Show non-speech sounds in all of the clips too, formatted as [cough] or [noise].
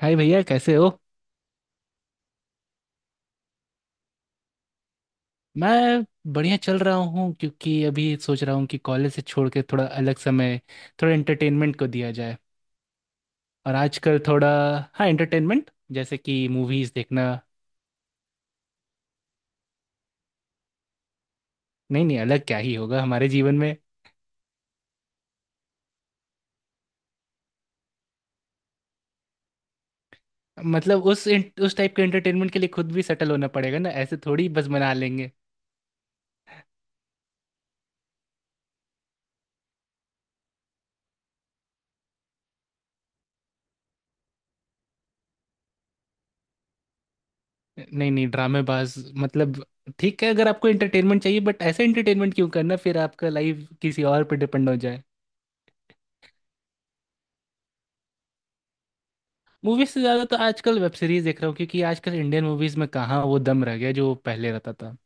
हाय भैया, कैसे हो। मैं बढ़िया चल रहा हूँ क्योंकि अभी सोच रहा हूँ कि कॉलेज से छोड़ के थोड़ा अलग समय, थोड़ा एंटरटेनमेंट को दिया जाए। और आजकल थोड़ा, हाँ, एंटरटेनमेंट जैसे कि मूवीज देखना। नहीं नहीं, अलग क्या ही होगा हमारे जीवन में। मतलब उस टाइप के एंटरटेनमेंट के लिए खुद भी सेटल होना पड़ेगा ना, ऐसे थोड़ी बस मना लेंगे। नहीं नहीं ड्रामेबाज। मतलब ठीक है, अगर आपको एंटरटेनमेंट चाहिए बट ऐसे एंटरटेनमेंट क्यों करना, फिर आपका लाइफ किसी और पे डिपेंड हो जाए। मूवीज से ज्यादा तो आजकल वेब सीरीज देख रहा हूँ, क्योंकि आजकल इंडियन मूवीज में कहाँ वो दम रह गया जो पहले रहता था।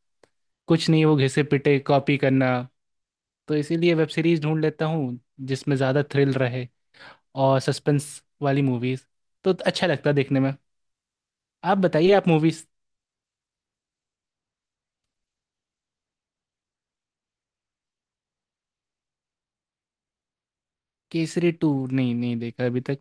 कुछ नहीं, वो घिसे पिटे कॉपी करना। तो इसीलिए वेब सीरीज ढूंढ लेता हूँ जिसमें ज्यादा थ्रिल रहे और सस्पेंस वाली मूवीज, तो अच्छा लगता है देखने में। आप बताइए, आप मूवीज। केसरी टू नहीं नहीं देखा अभी तक।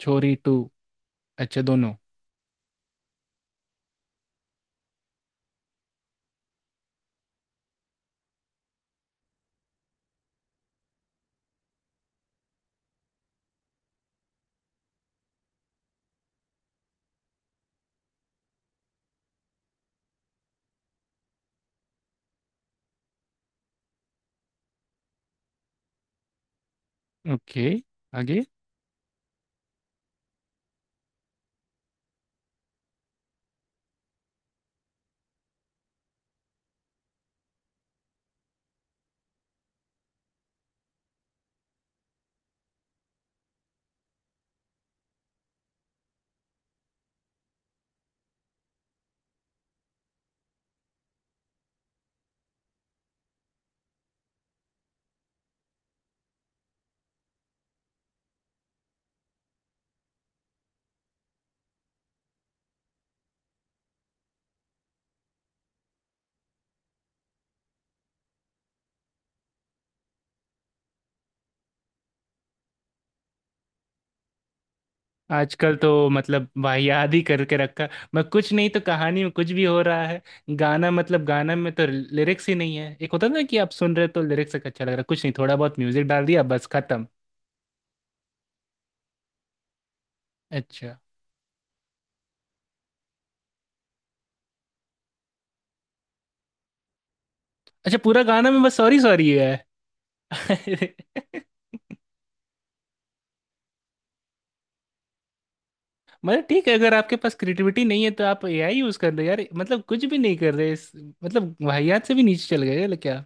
छोरी टू, अच्छा दोनों। ओके। आगे। आजकल तो मतलब वाहियात ही करके रखा। मैं कुछ नहीं, तो कहानी में कुछ भी हो रहा है। गाना, मतलब गाना में तो लिरिक्स ही नहीं है। एक होता ना कि आप सुन रहे हो तो लिरिक्स एक अच्छा लग रहा है, कुछ नहीं, थोड़ा बहुत म्यूजिक डाल दिया, बस खत्म। अच्छा। अच्छा पूरा गाना में बस सॉरी सॉरी है। [laughs] मतलब ठीक है, अगर आपके पास क्रिएटिविटी नहीं है तो आप एआई यूज कर लो यार, मतलब कुछ भी नहीं कर रहे इस-। मतलब वाहियात से भी नीचे चल गए क्या।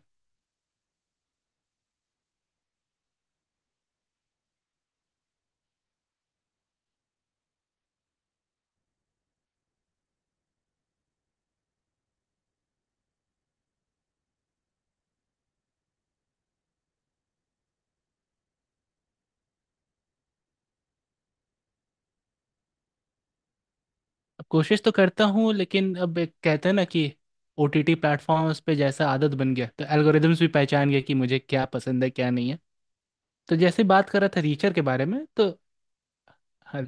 कोशिश तो करता हूँ, लेकिन अब एक कहते हैं ना कि ओटीटी प्लेटफॉर्म्स पे जैसा आदत बन गया तो एल्गोरिदम्स भी पहचान गए कि मुझे क्या पसंद है, क्या नहीं है। तो जैसे बात कर रहा था रीचर के बारे में, तो हाँ,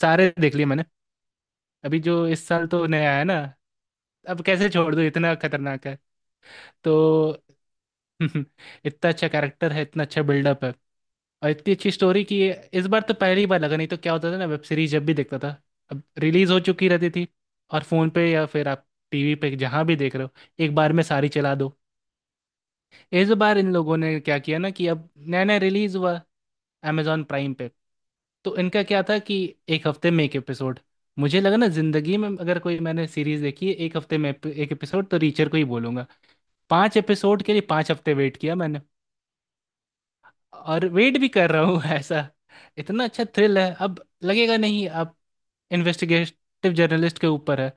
सारे देख लिए मैंने। अभी जो इस साल तो नया आया ना, अब कैसे छोड़ दूँ, इतना खतरनाक है। तो [laughs] इतना अच्छा कैरेक्टर है, इतना अच्छा बिल्डअप है, और इतनी अच्छी स्टोरी कि ये। इस बार तो पहली बार लगा, नहीं तो क्या होता था ना, वेब सीरीज जब भी देखता था अब रिलीज हो चुकी रहती थी, और फोन पे या फिर आप टीवी पे जहां भी देख रहे हो, एक बार में सारी चला दो। इस बार इन लोगों ने क्या किया ना कि अब नया नया रिलीज हुआ amazon प्राइम पे, तो इनका क्या था कि एक हफ्ते में एक एपिसोड। मुझे लगा ना, जिंदगी में अगर कोई मैंने सीरीज देखी है एक हफ्ते में एक एपिसोड, तो रीचर को ही बोलूंगा। पांच एपिसोड के लिए 5 हफ्ते वेट किया मैंने, और वेट भी कर रहा हूँ। [laughs] ऐसा इतना अच्छा थ्रिल है। अब लगेगा नहीं, आप, इन्वेस्टिगेटिव जर्नलिस्ट के ऊपर है।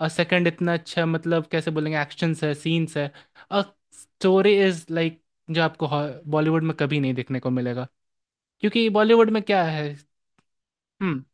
और सेकंड इतना अच्छा, मतलब कैसे बोलेंगे, एक्शंस है, सीन्स है, और स्टोरी इज लाइक जो आपको बॉलीवुड में कभी नहीं देखने को मिलेगा, क्योंकि बॉलीवुड में क्या है। हम्म।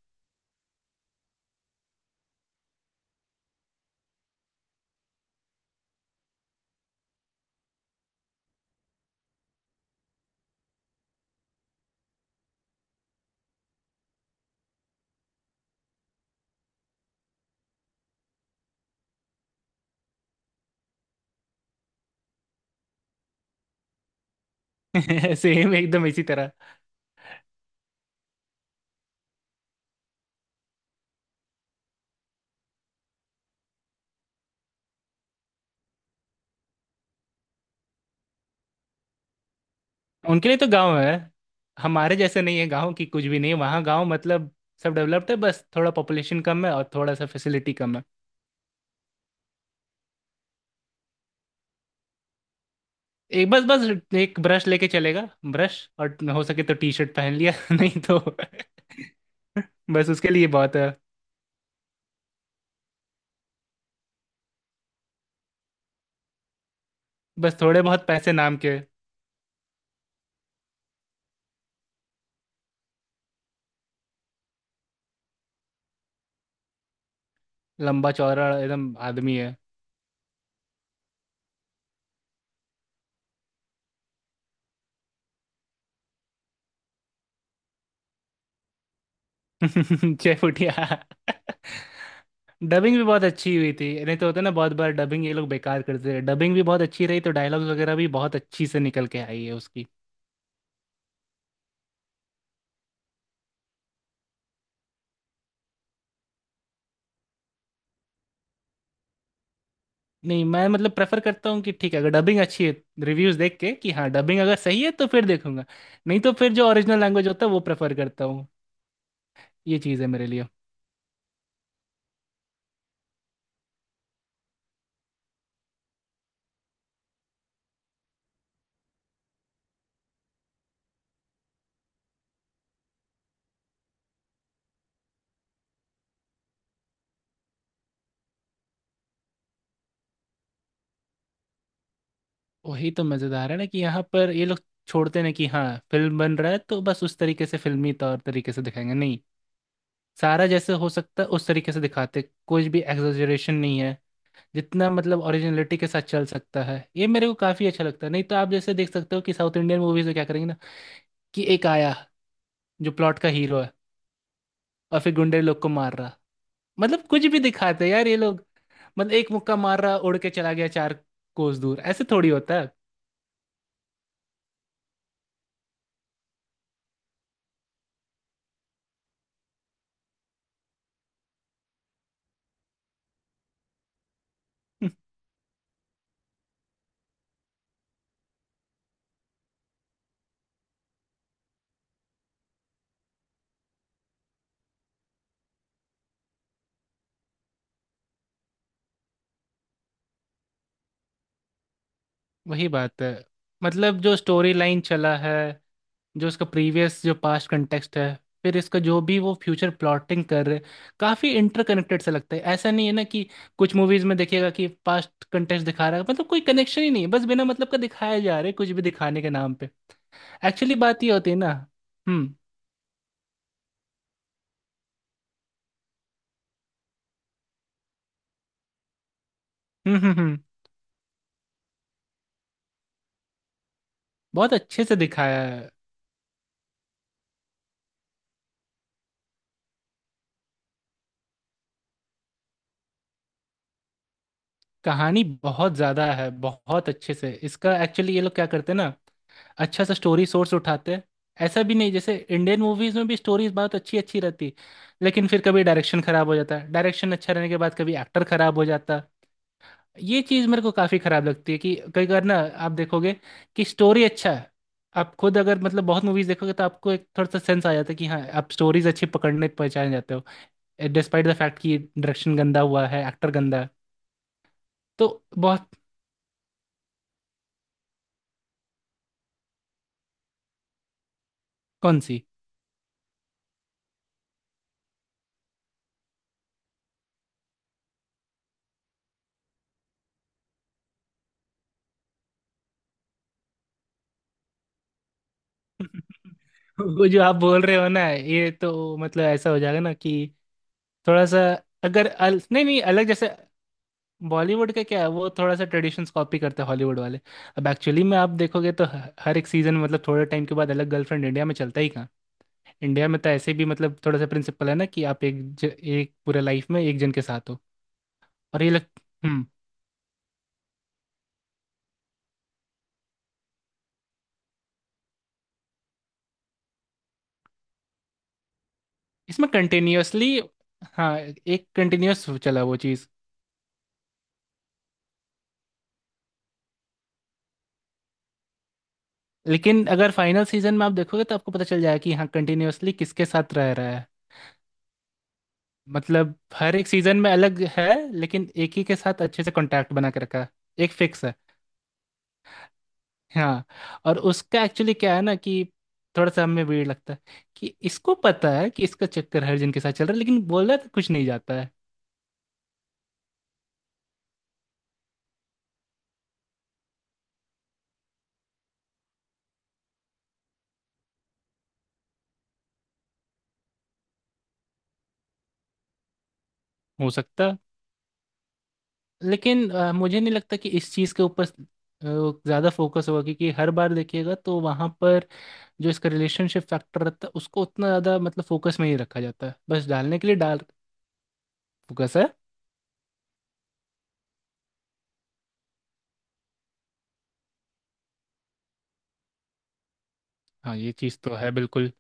[laughs] सेम एकदम इसी तरह। उनके लिए तो गांव है, हमारे जैसे नहीं है। गांव की कुछ भी नहीं है वहाँ, गांव मतलब सब डेवलप्ड है, बस थोड़ा पॉपुलेशन कम है और थोड़ा सा फैसिलिटी कम है। एक बस बस एक ब्रश लेके चलेगा, ब्रश, और हो सके तो टी शर्ट पहन लिया। [laughs] नहीं तो बस उसके लिए बहुत है, बस थोड़े बहुत पैसे नाम के। लंबा चौड़ा एकदम आदमी है। [laughs] छह फुटिया। डबिंग भी बहुत अच्छी हुई थी, नहीं तो होता है ना, बहुत बार डबिंग ये लोग बेकार करते हैं। डबिंग भी बहुत अच्छी रही, तो डायलॉग्स वगैरह भी बहुत अच्छी से निकल के आई है उसकी। नहीं, मैं मतलब प्रेफर करता हूँ कि ठीक है, अगर डबिंग अच्छी है, रिव्यूज देख के कि हाँ, डबिंग अगर सही है तो फिर देखूंगा, नहीं तो फिर जो ओरिजिनल लैंग्वेज होता है वो प्रेफर करता। ये चीज़ है मेरे लिए। वही तो मज़ेदार है ना, कि यहाँ पर ये लोग छोड़ते नहीं कि हाँ, फिल्म बन रहा है तो बस उस तरीके से फिल्मी तौर तरीके से दिखाएंगे, नहीं। सारा जैसे हो सकता है उस तरीके से दिखाते, कुछ भी एग्जैजरेशन नहीं है। जितना मतलब ओरिजिनलिटी के साथ चल सकता है, ये मेरे को काफ़ी अच्छा लगता है। नहीं तो आप जैसे देख सकते हो कि साउथ इंडियन मूवीज़ में क्या करेंगे ना, कि एक आया जो प्लॉट का हीरो है और फिर गुंडे लोग को मार रहा। मतलब कुछ भी दिखाते हैं यार ये लोग। मतलब एक मुक्का मार रहा, उड़ के चला गया 4 कोस दूर, ऐसे थोड़ी होता है। वही बात है, मतलब जो स्टोरी लाइन चला है, जो उसका प्रीवियस जो पास्ट कंटेक्स्ट है, फिर इसका जो भी वो फ्यूचर प्लॉटिंग कर रहे, काफ़ी इंटरकनेक्टेड सा लगता है। ऐसा नहीं है ना कि कुछ मूवीज़ में देखिएगा कि पास्ट कंटेक्स्ट दिखा रहा है, मतलब कोई कनेक्शन ही नहीं है, बस बिना मतलब का दिखाया जा रहा है, कुछ भी दिखाने के नाम पे। एक्चुअली बात ये होती है ना। हम्म, हम्म, हम्म, हम्म। बहुत अच्छे से दिखाया है। कहानी बहुत ज़्यादा है, बहुत अच्छे से इसका, एक्चुअली ये लोग क्या करते हैं ना, अच्छा सा स्टोरी सोर्स उठाते हैं। ऐसा भी नहीं, जैसे इंडियन मूवीज में भी स्टोरीज बहुत अच्छी अच्छी रहती, लेकिन फिर कभी डायरेक्शन खराब हो जाता है, डायरेक्शन अच्छा रहने के बाद कभी एक्टर खराब हो जाता। ये चीज़ मेरे को काफ़ी खराब लगती है, कि कई बार ना आप देखोगे कि स्टोरी अच्छा है, आप खुद अगर मतलब बहुत मूवीज देखोगे तो आपको एक थोड़ा सा सेंस आ जाता है कि हाँ, आप स्टोरीज अच्छी पकड़ने पहचान जाते हो, डिस्पाइट द फैक्ट कि डायरेक्शन गंदा हुआ है, एक्टर गंदा है। तो बहुत। कौन सी। [laughs] वो जो आप बोल रहे हो ना, ये तो मतलब ऐसा हो जाएगा ना कि थोड़ा सा, अगर अल, नहीं नहीं अलग जैसे, बॉलीवुड का क्या है, वो थोड़ा सा ट्रेडिशंस कॉपी करते हैं हॉलीवुड वाले। अब एक्चुअली में आप देखोगे तो हर एक सीजन, मतलब थोड़े टाइम के बाद अलग गर्लफ्रेंड, इंडिया में चलता ही कहाँ। इंडिया में तो ऐसे भी मतलब थोड़ा सा प्रिंसिपल है ना, कि आप एक पूरे लाइफ में एक जन के साथ हो। और ये लग। हम्म। इसमें कंटिन्यूअसली। हाँ, एक कंटिन्यूअस चला वो चीज़। लेकिन अगर फाइनल सीजन में आप देखोगे तो आपको पता चल जाएगा कि हाँ, कंटिन्यूअसली किसके साथ रह रहा है। मतलब हर एक सीजन में अलग है, लेकिन एक ही के साथ अच्छे से कांटेक्ट बना के रखा है। एक फिक्स है। हाँ। और उसका एक्चुअली क्या है ना, कि थोड़ा सा हमें वीर लगता है कि इसको पता है कि इसका चक्कर हर जन के साथ चल रहा है, लेकिन बोल रहा है तो कुछ नहीं जाता है। हो सकता है। लेकिन मुझे नहीं लगता कि इस चीज़ के ऊपर ज़्यादा फोकस होगा, क्योंकि हर बार देखिएगा तो वहाँ पर जो इसका रिलेशनशिप फैक्टर रहता है उसको उतना ज़्यादा मतलब फोकस में ही रखा जाता है, बस डालने के लिए डाल। फोकस है। हाँ, ये चीज़ तो है बिल्कुल।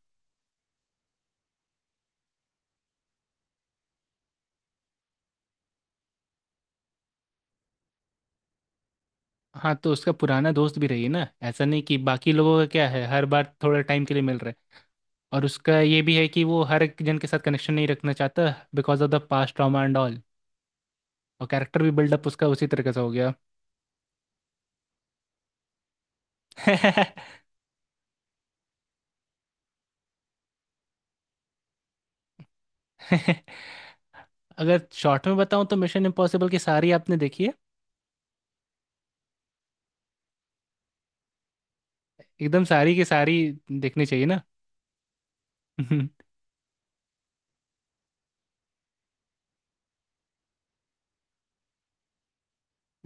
हाँ, तो उसका पुराना दोस्त भी रही है ना, ऐसा नहीं कि बाकी लोगों का क्या है, हर बार थोड़ा टाइम के लिए मिल रहे हैं। और उसका ये भी है कि वो हर एक जन के साथ कनेक्शन नहीं रखना चाहता, because of the past trauma and all. और कैरेक्टर भी बिल्डअप उसका उसी तरीके से हो गया। [laughs] अगर शॉर्ट में बताऊं तो मिशन इम्पॉसिबल की सारी आपने देखी है, एकदम सारी की सारी देखनी चाहिए ना। [laughs]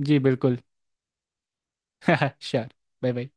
जी बिल्कुल। [laughs] श्योर। Bye bye.